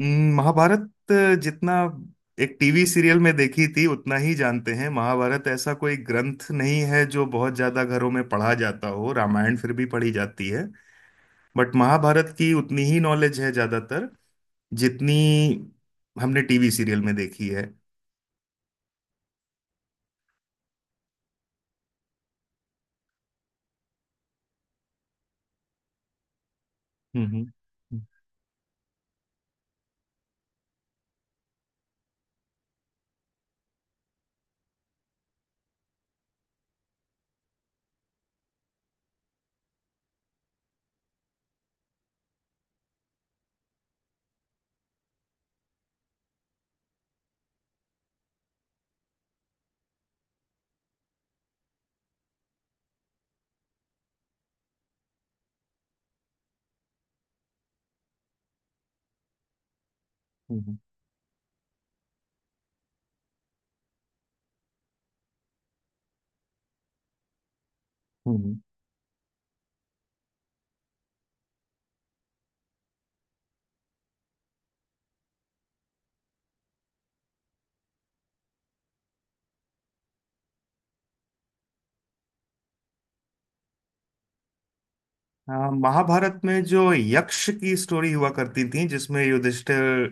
महाभारत जितना एक TV serial में देखी थी उतना ही जानते हैं। महाभारत ऐसा कोई ग्रंथ नहीं है जो बहुत ज्यादा घरों में पढ़ा जाता हो। रामायण फिर भी पढ़ी जाती है। बट महाभारत की उतनी ही नॉलेज है ज्यादातर जितनी हमने टीवी सीरियल में देखी है। हम्म। हम्म। हम्म। हम्म। हाँ, महाभारत में जो यक्ष की स्टोरी हुआ करती थी जिसमें युधिष्ठिर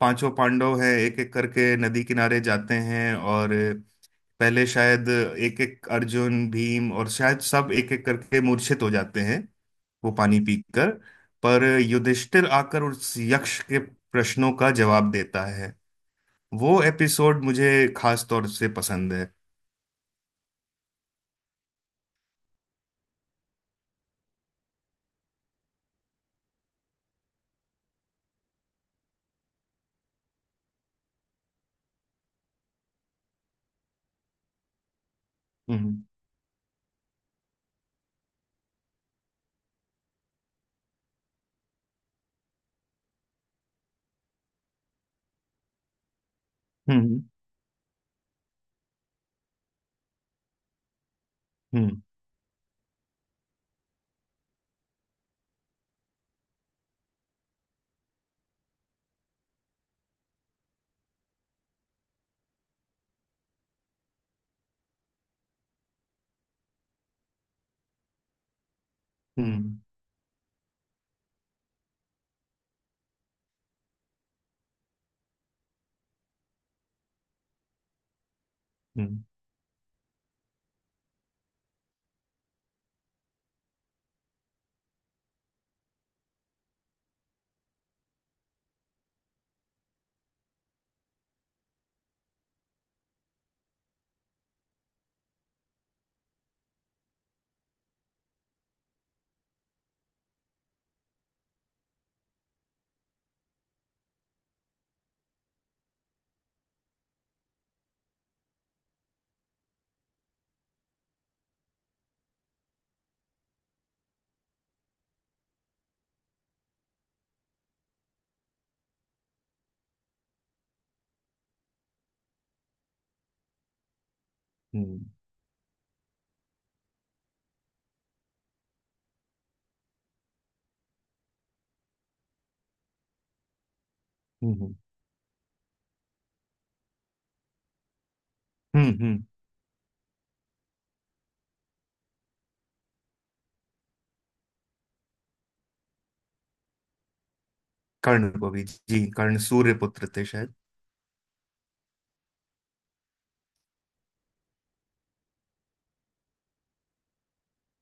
पांचों पांडव हैं, एक एक करके नदी किनारे जाते हैं, और पहले शायद एक एक अर्जुन, भीम, और शायद सब एक एक करके मूर्छित हो जाते हैं वो पानी पीकर। पर युधिष्ठिर आकर उस यक्ष के प्रश्नों का जवाब देता है। वो एपिसोड मुझे खास तौर से पसंद है। हम्म हम्म हम्म हम्म। हम्म। हम्म। हम्म। हम्म, हम्म, कर्ण को भी जी। कर्ण सूर्य पुत्र थे शायद।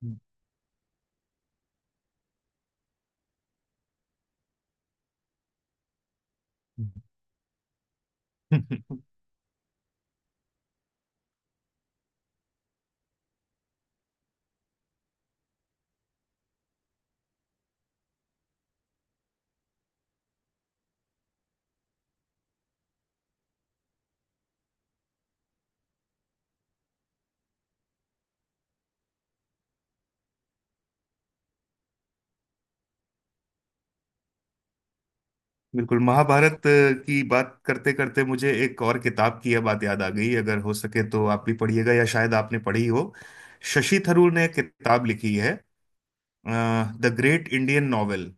हम्म, हम्म, हम्म, हम्म, बिल्कुल। महाभारत की बात करते करते मुझे एक और किताब की यह बात याद आ गई। अगर हो सके तो आप भी पढ़िएगा या शायद आपने पढ़ी हो। शशि थरूर ने एक किताब लिखी है। The great Indian novel.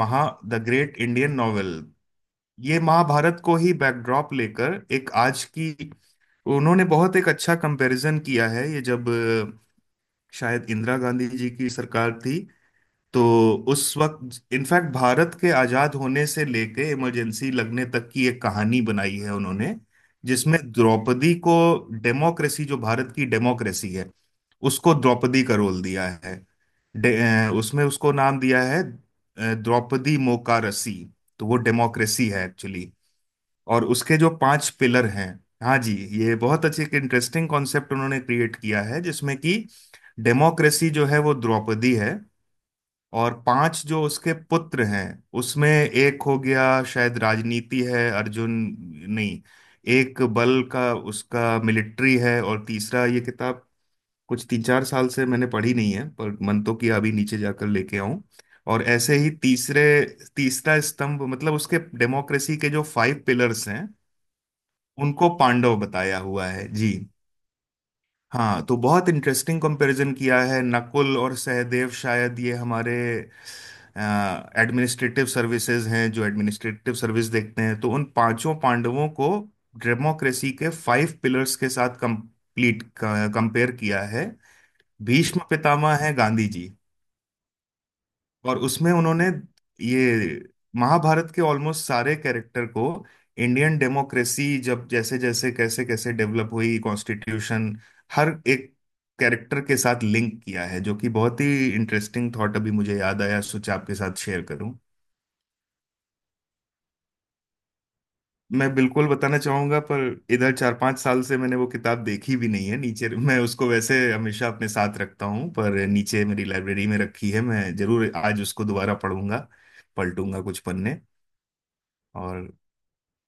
महा द ग्रेट इंडियन नॉवेल, ये महाभारत को ही बैकड्रॉप लेकर एक आज की, उन्होंने बहुत एक अच्छा कंपैरिजन किया है। ये जब शायद इंदिरा गांधी जी की सरकार थी तो उस वक्त, इनफैक्ट भारत के आजाद होने से लेके इमरजेंसी लगने तक की एक कहानी बनाई है उन्होंने। जिसमें द्रौपदी को, डेमोक्रेसी जो भारत की डेमोक्रेसी है, उसको द्रौपदी का रोल दिया है। उसमें उसको नाम दिया है, द्रौपदी मोकारसी। तो वो डेमोक्रेसी है एक्चुअली। और उसके जो 5 पिलर हैं। हाँ जी। ये बहुत अच्छे एक इंटरेस्टिंग कॉन्सेप्ट उन्होंने क्रिएट किया है जिसमें कि डेमोक्रेसी जो है वो द्रौपदी है। और पांच जो उसके पुत्र हैं उसमें एक हो गया शायद राजनीति है, अर्जुन। नहीं, एक बल का, उसका मिलिट्री है। और तीसरा, ये किताब कुछ 3-4 साल से मैंने पढ़ी नहीं है पर मन तो किया अभी नीचे जाकर लेके आऊं। और ऐसे ही तीसरे तीसरा स्तंभ, मतलब उसके डेमोक्रेसी के जो फाइव पिलर्स हैं उनको पांडव बताया हुआ है जी। हाँ, तो बहुत इंटरेस्टिंग कंपैरिजन किया है। नकुल और सहदेव शायद ये हमारे एडमिनिस्ट्रेटिव सर्विसेज हैं, जो एडमिनिस्ट्रेटिव सर्विस देखते हैं। तो उन पांचों पांडवों को डेमोक्रेसी के फाइव पिलर्स के साथ कंप्लीट कंपेयर किया है। भीष्म पितामह है गांधी जी। और उसमें उन्होंने ये महाभारत के ऑलमोस्ट सारे कैरेक्टर को इंडियन डेमोक्रेसी जब जैसे जैसे कैसे कैसे डेवलप हुई, कॉन्स्टिट्यूशन, हर एक कैरेक्टर के साथ लिंक किया है, जो कि बहुत ही इंटरेस्टिंग थॉट अभी मुझे याद आया, सोचा आपके साथ शेयर करूं। मैं बिल्कुल बताना चाहूंगा पर इधर 4-5 साल से मैंने वो किताब देखी भी नहीं है। नीचे मैं उसको वैसे हमेशा अपने साथ रखता हूँ पर नीचे मेरी लाइब्रेरी में रखी है। मैं जरूर आज उसको दोबारा पढ़ूंगा। पलटूंगा कुछ पन्ने। और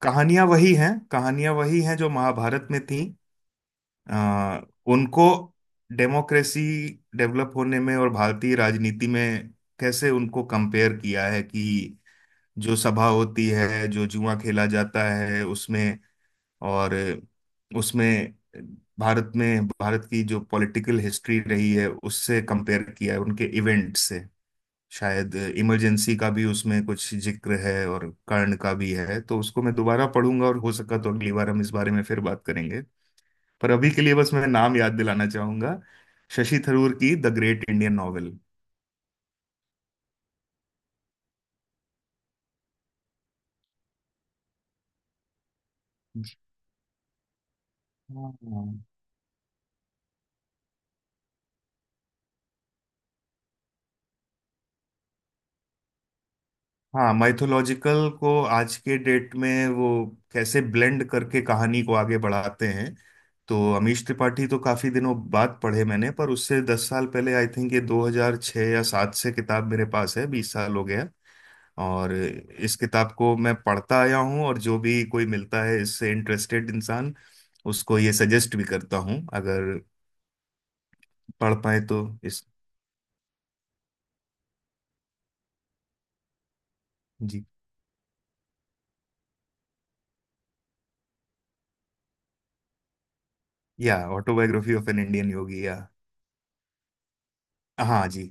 कहानियां वही हैं, कहानियां वही हैं जो महाभारत में थी। आ, उनको डेमोक्रेसी डेवलप होने में और भारतीय राजनीति में कैसे उनको कंपेयर किया है कि जो सभा होती है, जो जुआ खेला जाता है, उसमें, और उसमें भारत की जो पॉलिटिकल हिस्ट्री रही है उससे कंपेयर किया है उनके इवेंट से। शायद इमरजेंसी का भी उसमें कुछ जिक्र है और कर्ण का भी है। तो उसको मैं दोबारा पढ़ूंगा और हो सका तो अगली बार हम इस बारे में फिर बात करेंगे। पर अभी के लिए बस मैं नाम याद दिलाना चाहूंगा, शशि थरूर की द ग्रेट इंडियन नॉवेल। हाँ। हाँ, माइथोलॉजिकल को आज के डेट में वो कैसे ब्लेंड करके कहानी को आगे बढ़ाते हैं। तो अमीश त्रिपाठी तो काफी दिनों बाद पढ़े मैंने पर उससे 10 साल पहले, आई थिंक ये 2006 या सात से किताब मेरे पास है। 20 साल हो गया। और इस किताब को मैं पढ़ता आया हूँ और जो भी कोई मिलता है इससे इंटरेस्टेड इंसान, उसको ये सजेस्ट भी करता हूँ अगर पढ़ पाए तो इस। जी। या autobiography of an Indian yogi, या? हाँ जी।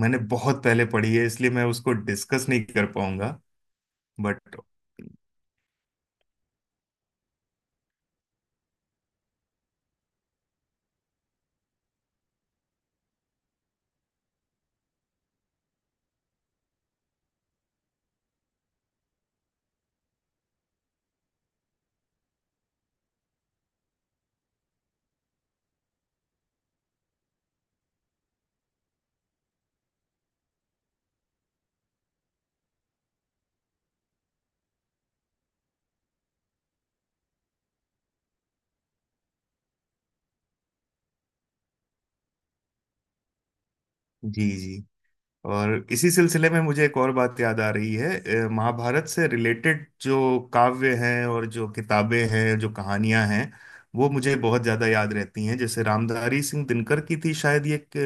मैंने बहुत पहले पढ़ी है इसलिए मैं उसको डिस्कस नहीं कर पाऊंगा। बट। जी जी। और इसी सिलसिले में मुझे एक और बात याद आ रही है। महाभारत से रिलेटेड जो काव्य हैं और जो किताबें हैं, जो कहानियां हैं, वो मुझे बहुत ज्यादा याद रहती हैं। जैसे रामधारी सिंह दिनकर की थी शायद ये एक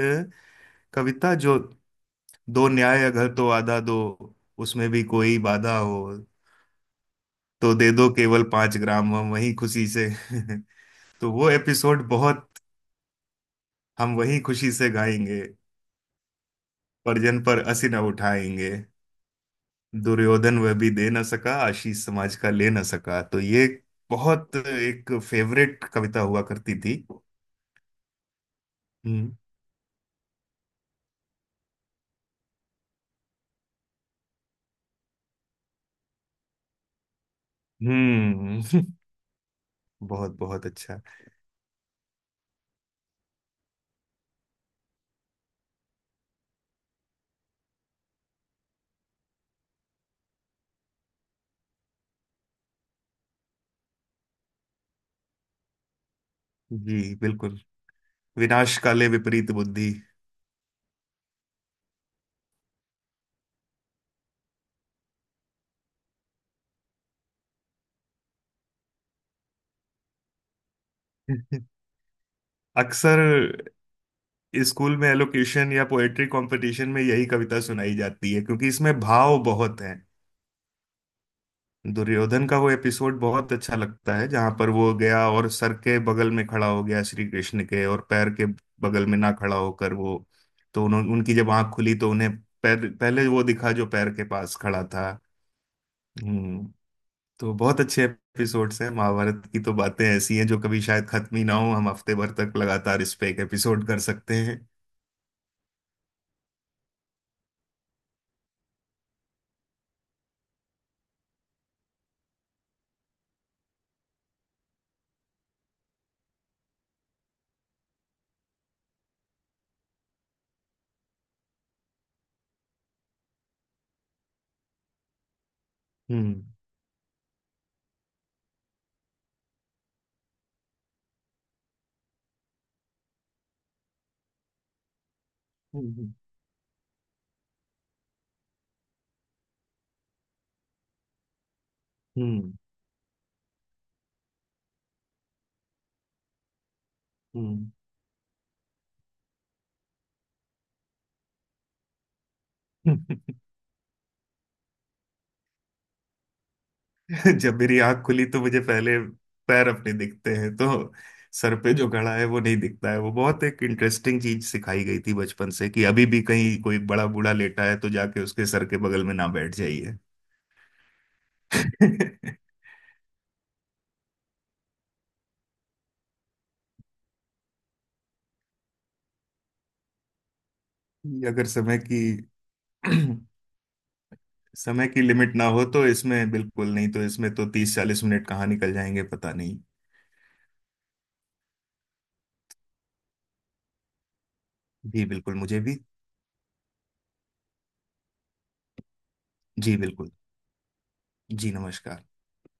कविता, जो, दो न्याय अगर तो आधा दो, उसमें भी कोई बाधा हो तो दे दो केवल 5 ग्राम। हम वही खुशी से तो वो एपिसोड बहुत। हम वही खुशी से गाएंगे, परजन पर असी न उठाएंगे। दुर्योधन वह भी दे न सका, आशीष समाज का ले न सका। तो ये बहुत एक फेवरेट कविता हुआ करती थी। हम्म। हम्म। बहुत बहुत अच्छा। जी बिल्कुल। विनाश काले विपरीत बुद्धि। अक्सर स्कूल में एलोकेशन या पोएट्री कंपटीशन में यही कविता सुनाई जाती है क्योंकि इसमें भाव बहुत हैं। दुर्योधन का वो एपिसोड बहुत अच्छा लगता है जहां पर वो गया और सर के बगल में खड़ा हो गया श्री कृष्ण के, और पैर के बगल में ना खड़ा होकर वो। तो उन्हों उनकी जब आंख खुली तो उन्हें पैर पहले वो दिखा जो पैर के पास खड़ा था। हम्म। तो बहुत अच्छे एपिसोड्स हैं महाभारत की। तो बातें ऐसी हैं जो कभी शायद खत्म ही ना हो, हम हफ्ते भर तक लगातार इस पे एक एपिसोड कर सकते हैं। हम्म। हम्म। हम्म। हम्म। जब मेरी आंख खुली तो मुझे पहले पैर अपने दिखते हैं, तो सर पे जो घड़ा है वो नहीं दिखता है। वो बहुत एक इंटरेस्टिंग चीज सिखाई गई थी बचपन से, कि अभी भी कहीं कोई बड़ा बूढ़ा लेटा है तो जाके उसके सर के बगल में ना बैठ जाइए। ये, अगर समय की समय की लिमिट ना हो तो इसमें बिल्कुल, नहीं तो इसमें तो 30-40 मिनट कहाँ निकल जाएंगे पता नहीं। जी बिल्कुल, मुझे भी। जी बिल्कुल। जी, नमस्कार।